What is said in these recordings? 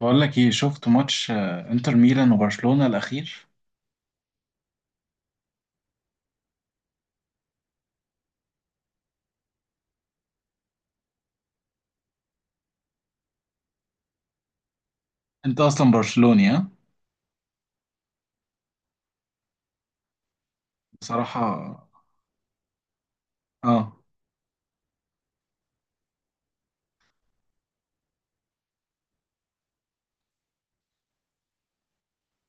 بقول لك ايه؟ شفت ماتش انتر ميلان وبرشلونة الاخير. انت اصلا برشلوني ها؟ بصراحة. اه.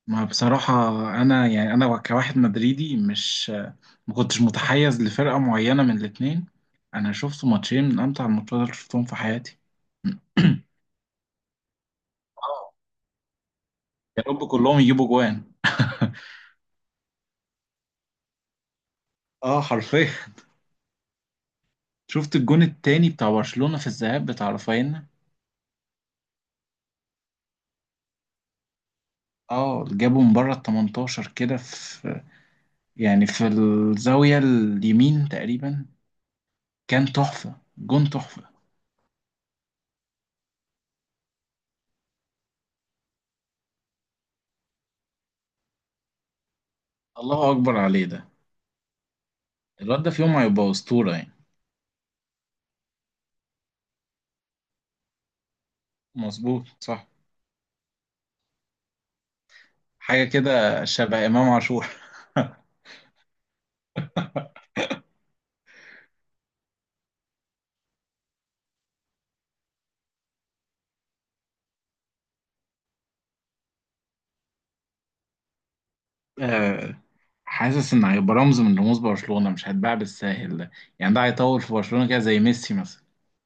ما بصراحة يعني انا كواحد مدريدي مش ما كنتش متحيز لفرقة معينة من الاتنين. انا شفت ماتشين من امتع الماتشات اللي شفتهم في حياتي. آه. يا رب كلهم يجيبوا جوان. اه، حرفيا. شفت الجون التاني بتاع برشلونة في الذهاب بتاع رافينا. اه، جابه من بره ال 18 كده، في، يعني في الزاوية اليمين تقريبا. كان تحفة، جون تحفة. الله أكبر عليه ده. الواد ده في يوم هيبقى أسطورة يعني. مظبوط، صح. حاجة كده شبه إمام عاشور. آه. حاسس إن هيبقى رمز من رموز برشلونة، مش هيتباع بالساهل ده. يعني ده هيطول في برشلونة كده زي ميسي مثلا.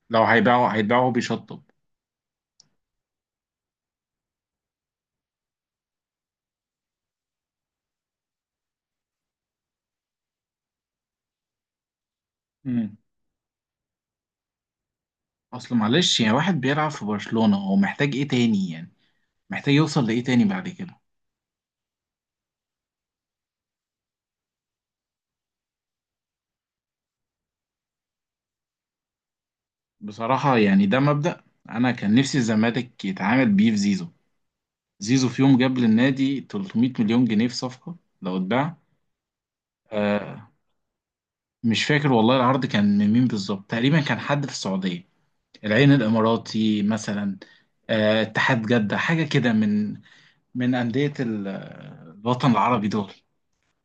لو هيباعه هيتباعه وهو بيشطب. مم. أصل معلش، يعني واحد بيلعب في برشلونة هو محتاج إيه تاني يعني؟ محتاج يوصل لإيه تاني بعد كده؟ بصراحة يعني ده مبدأ. أنا كان نفسي الزمالك يتعامل بيه في زيزو. زيزو في يوم جاب للنادي 300 مليون جنيه في صفقة لو اتباع. آه. مش فاكر والله العرض كان من مين بالظبط، تقريبا كان حد في السعودية، العين الإماراتي مثلا. اتحاد جدة حاجة كده، من من أندية ال- الوطن العربي دول.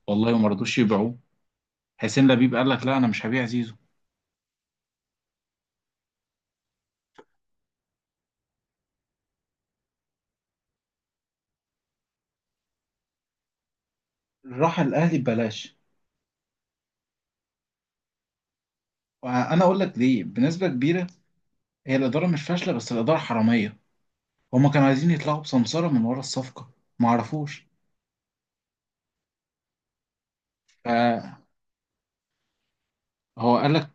والله ما رضوش يبيعوه. حسين لبيب قال لك لا، أنا مش هبيع زيزو. راح الأهلي ببلاش. وأنا أقول لك ليه، بنسبة كبيرة هي الإدارة مش فاشلة بس الإدارة حرامية. هما كانوا عايزين يطلعوا بسمسرة من ورا الصفقة، ما عرفوش. فهو قال لك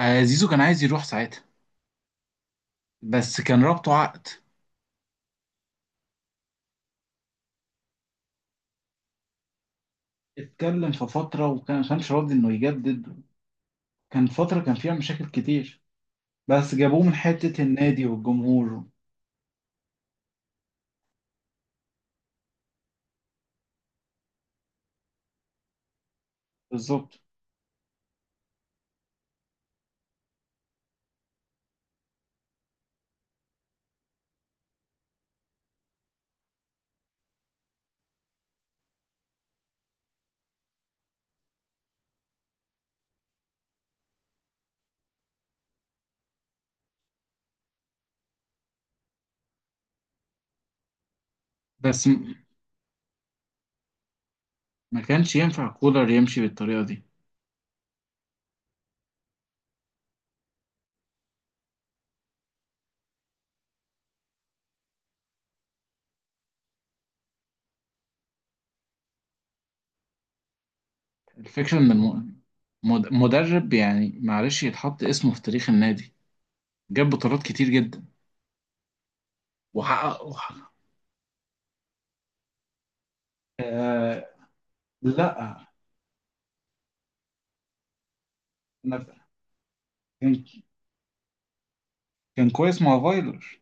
آه، زيزو كان عايز يروح ساعتها بس كان رابطه عقد. اتكلم في فترة وكان ما كانش راضي إنه يجدد. كان فترة كان فيها مشاكل كتير، بس جابوه من حتة النادي والجمهور. بالظبط. بس م- ما كانش ينفع كولر يمشي بالطريقة دي. الفكرة إن الم- مدرب، يعني معلش، يتحط اسمه في تاريخ النادي، جاب بطولات كتير جدا وحقق وحقق. آه. لا. أنا- كان كويس مع فايلر.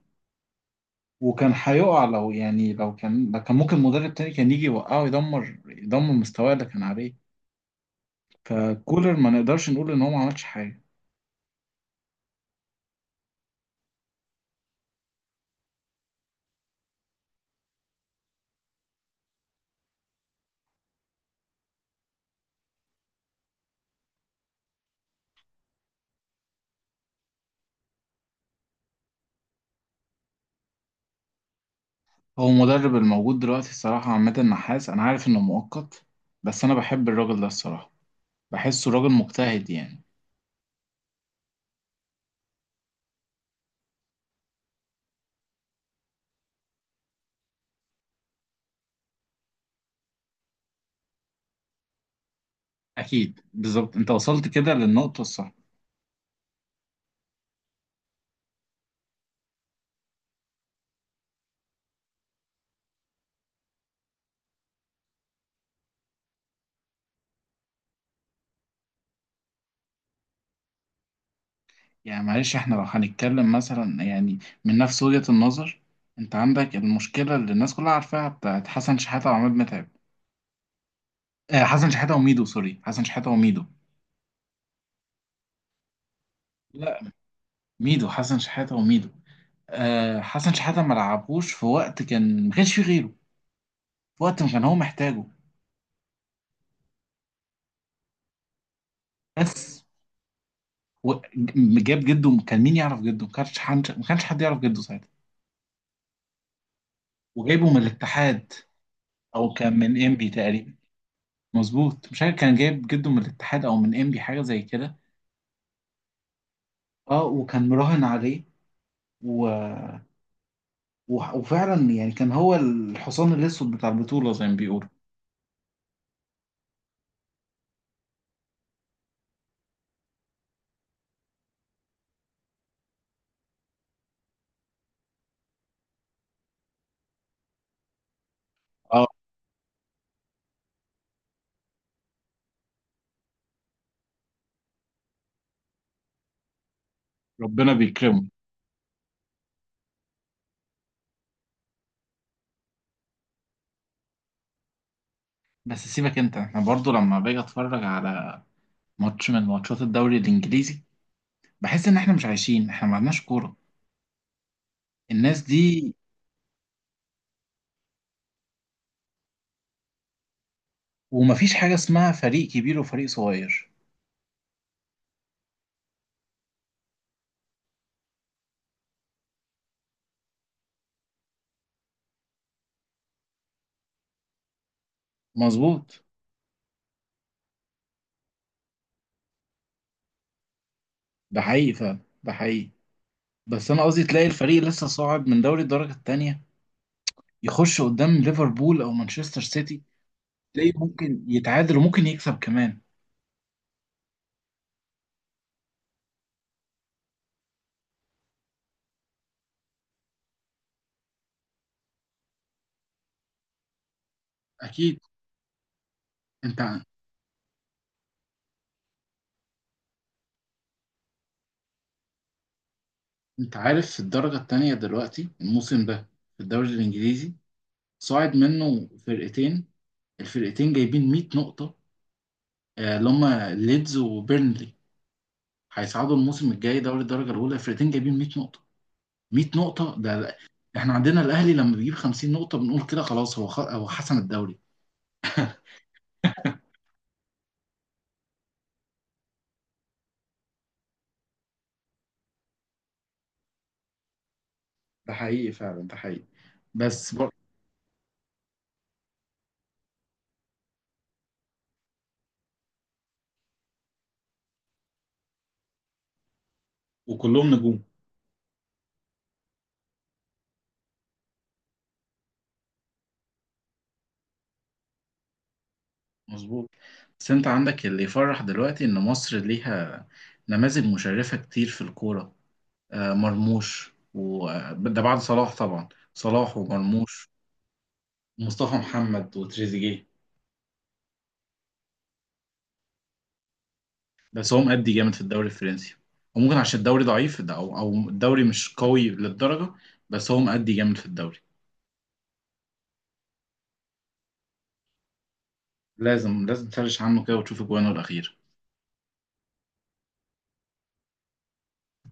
وكان هيقع، لو يعني، لو كان ممكن مدرب تاني كان يجي يوقعه، يدمر يدمر مستواه اللي كان عليه. فكولر ما نقدرش نقول ان هو ما عملش حاجه. هو المدرب الموجود دلوقتي الصراحه عماد النحاس، انا عارف انه مؤقت بس انا بحب الراجل ده الصراحه. بحسه راجل مجتهد يعني. اكيد، بالظبط انت وصلت كده للنقطه الصح. يعني معلش احنا لو هنتكلم مثلا يعني من نفس وجهه النظر، انت عندك المشكله اللي الناس كلها عارفاها بتاعت حسن شحاته وعماد متعب. حسن شحاتة وميدو، سوري، حسن شحاتة وميدو. لا، حسن شحاتة وميدو. حسن شحاتة ما لعبوش في وقت كان ما كانش فيه غيره، في وقت ما كان هو محتاجه. بس و- جاب جده. كان مين يعرف جده؟ ما كانش حد يعرف جده ساعتها، وجايبه من الاتحاد او كان من انبي تقريبا. مظبوط، مش عارف كان جايب جده من الاتحاد او من انبي، حاجه زي كده. اه، وكان مراهن عليه. و... وفعلا يعني كان هو الحصان الاسود بتاع البطوله زي ما بيقولوا. اه، ربنا بيكرمه. بس سيبك انت، احنا برضو لما باجي اتفرج على ماتش من ماتشات الدوري الانجليزي بحس ان احنا مش عايشين، احنا ما عندناش كوره. الناس دي. ومفيش حاجه اسمها فريق كبير وفريق صغير. مظبوط. ده حقيقي فعلا، ده حقيقي. بس انا قصدي تلاقي الفريق لسه صاعد من دوري الدرجه التانيه، يخش قدام ليفربول او مانشستر سيتي، تلاقيه ممكن يتعادل وممكن يكسب كمان. اكيد. انت انت عارف في الدرجه التانيه دلوقتي الموسم ده في الدوري الانجليزي صاعد منه فرقتين، الفرقتين جايبين 100 نقطة، اللي هما ليدز وبيرنلي، هيصعدوا الموسم الجاي دوري الدرجة الأولى. الفرقتين جايبين 100 نقطة. 100 نقطة احنا عندنا الأهلي لما بيجيب 50 نقطة بنقول كده خلاص، هو حسم الدوري. ده حقيقي فعلا، ده حقيقي. بس بر... وكلهم نجوم. مظبوط. بس انت عندك اللي يفرح دلوقتي ان مصر ليها نماذج مشرفة كتير في الكورة. مرموش وده بعد صلاح طبعا. صلاح ومرموش ومصطفى محمد وتريزيجيه. بس هو مأدي جامد في الدوري الفرنسي. وممكن عشان الدوري ضعيف ده، او الدوري مش قوي للدرجه. بس هو مأدي جامد في الدوري. لازم لازم تسرش عنه كده وتشوف اجوانه الاخيره.